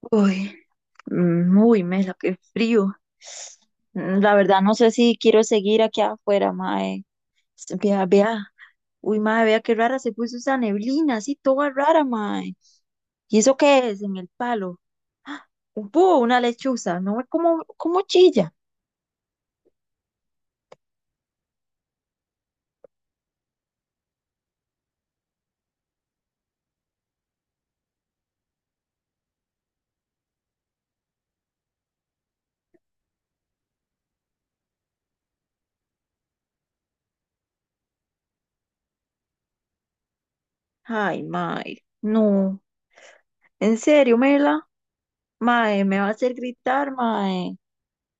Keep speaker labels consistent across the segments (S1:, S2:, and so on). S1: Uy, Mela, qué frío. La verdad, no sé si quiero seguir aquí afuera, mae. Vea, vea. Uy, mae, vea qué rara se puso esa neblina, así toda rara, mae. ¿Y eso qué es en el palo? ¡Ah! Un búho, una lechuza. No ve cómo chilla. Ay, mae. No. En serio, Mela. Mae, me va a hacer gritar, mae.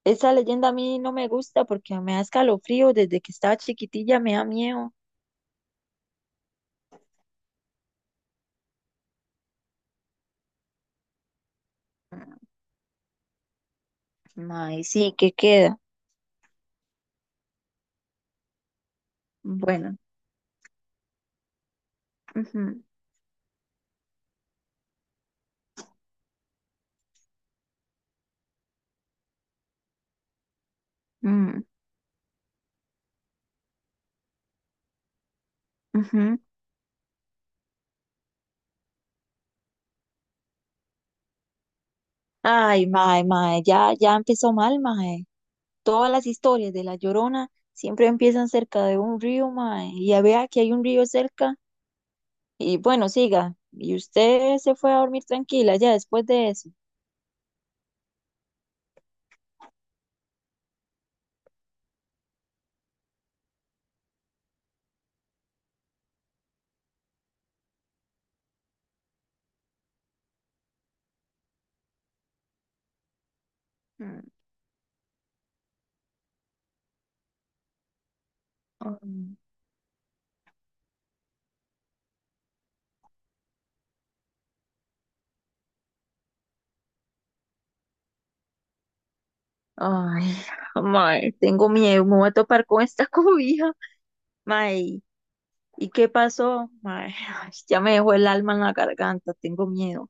S1: Esa leyenda a mí no me gusta porque me da escalofrío. Desde que estaba chiquitilla me da miedo. Mae, sí, ¿qué queda? Bueno. Ujú, mm, ujú. Ay, mae, mae, ya empezó mal, mae. Todas las historias de La Llorona siempre empiezan cerca de un río, mae. Y ya vea que hay un río cerca. Y bueno, siga. Y usted se fue a dormir tranquila ya después de eso. Mm. Ay, ay, mae, tengo miedo, me voy a topar con esta cobija. Mae, ¿y qué pasó? Mae, ay, ya me dejó el alma en la garganta, tengo miedo.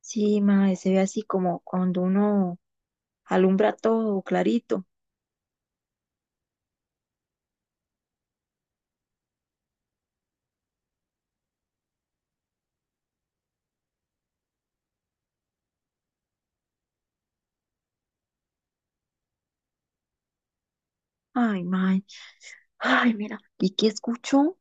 S1: Sí, mae, se ve así como cuando uno alumbra todo clarito. Ay, mae. Ay, mira. ¿Y qué escuchó?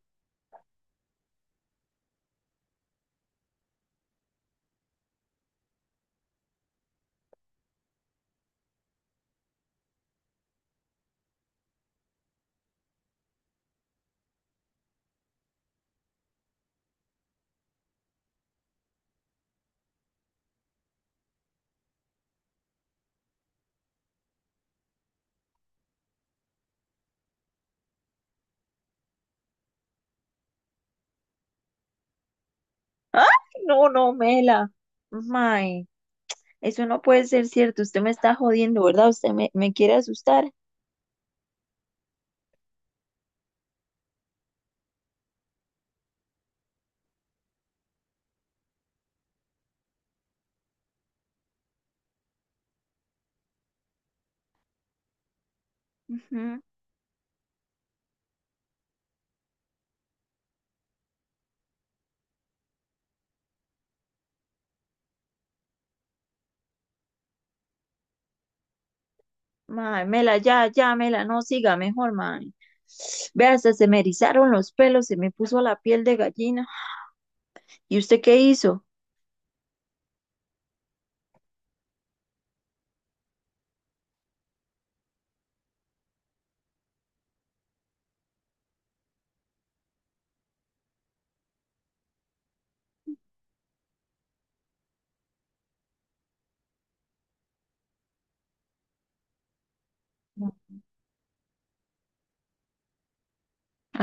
S1: ¡Ay, no, no, Mela! Mae, eso no puede ser cierto. Usted me está jodiendo, ¿verdad? Usted me quiere asustar. Ujú. Mae, Mela, ya, ya, Mela, no siga mejor, mae. Vea, hasta se me erizaron los pelos, se me puso la piel de gallina. ¿Y usted qué hizo?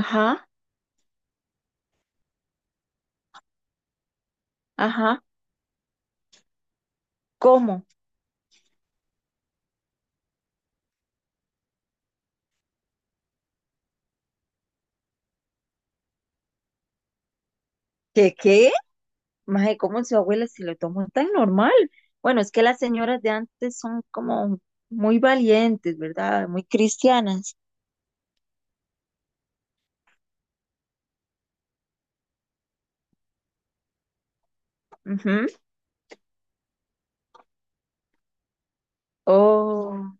S1: Ajá, ajá. ¿Cómo? ¿Qué qué? Mae, ¿cómo su abuela se lo tomó tan normal? Bueno, es que las señoras de antes son como muy valientes, ¿verdad? Muy cristianas. Ujú. Oh,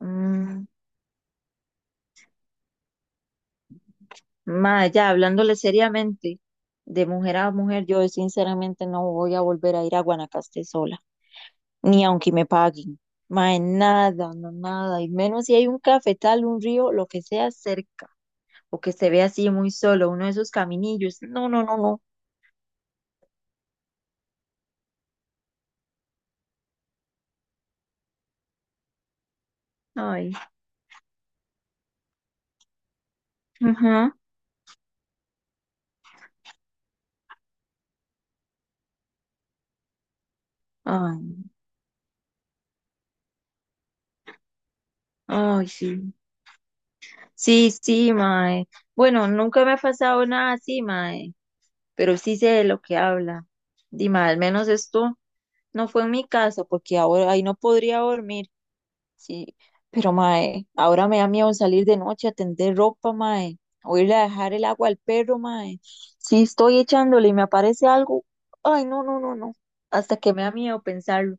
S1: mm, mae, ya hablándole seriamente, de mujer a mujer, yo sinceramente no voy a volver a ir a Guanacaste sola, ni aunque me paguen. Mae, nada, no nada, y menos si hay un cafetal, un río, lo que sea cerca, o que se vea así muy solo, uno de esos caminillos. No, no, no, no. Ay, ajá, ay. Ay, sí. Sí, sí, mae. Bueno, nunca me ha pasado nada así, mae, pero sí sé de lo que habla. Dime, al menos esto no fue en mi casa, porque ahora ahí no podría dormir. Sí, pero mae, ahora me da miedo salir de noche a tender ropa, mae, o irle a dejar el agua al perro, mae. Si estoy echándole y me aparece algo. Ay, no, no, no, no. Hasta que me da miedo pensarlo.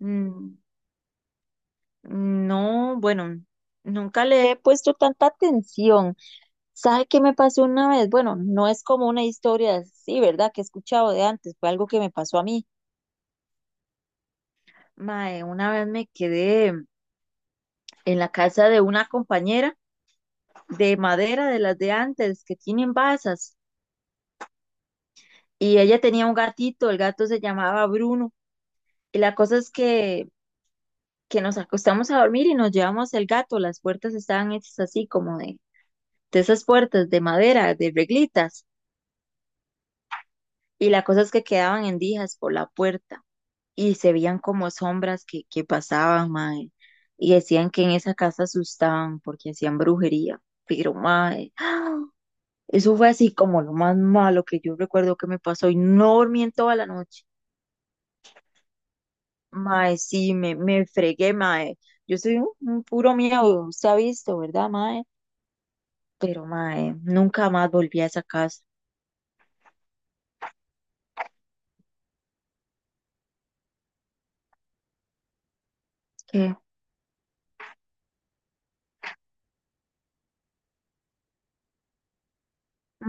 S1: Mm. No, bueno, nunca le he puesto tanta atención. ¿Sabe qué me pasó una vez? Bueno, no es como una historia así, ¿verdad? Que he escuchado de antes, fue algo que me pasó a mí. Mae, una vez me quedé en la casa de una compañera de madera, de las de antes, que tienen basas, y ella tenía un gatito, el gato se llamaba Bruno, y la cosa es que nos acostamos a dormir y nos llevamos el gato, las puertas estaban hechas así como de esas puertas de madera, de reglitas. Y la cosa es que quedaban endijas por la puerta y se veían como sombras que pasaban, mae. Y decían que en esa casa asustaban porque hacían brujería. Pero, mae, ¡ah! Eso fue así como lo más malo que yo recuerdo que me pasó y no dormí en toda la noche. Mae, sí, me fregué, mae. Yo soy un puro miedo, se ha visto, ¿verdad, mae? Pero, mae, nunca más volví a esa casa. ¿Qué?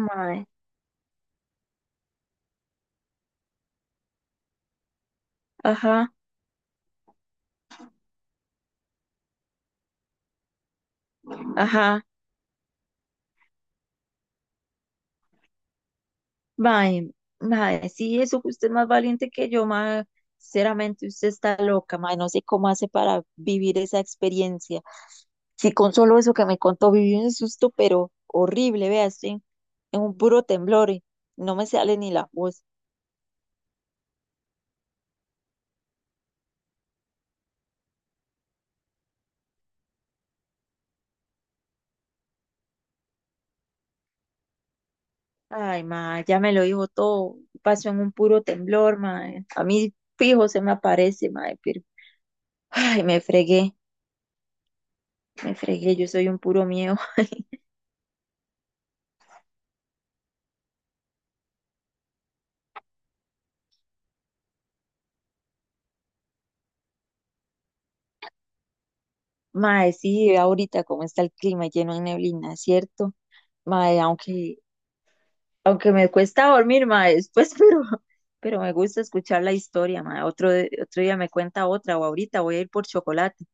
S1: Mae, ajá, ajá. Mae, mae, sí, eso que usted es más valiente que yo, mae. Sinceramente, usted está loca, mae. No sé cómo hace para vivir esa experiencia. Sí, con solo eso que me contó, viví un susto, pero horrible, vea, estoy en un puro temblor y no me sale ni la voz. Ay, mae, ya me lo dijo todo. Pasó en un puro temblor, mae. A mí fijo se me aparece, mae, pero ay, me fregué, yo soy un puro miedo. Mae, sí, vea ahorita cómo está el clima lleno de neblina, ¿cierto? Mae, aunque me cuesta dormir, mae, después, pero me gusta escuchar la historia, mae. Otro día me cuenta otra o ahorita voy a ir por chocolate.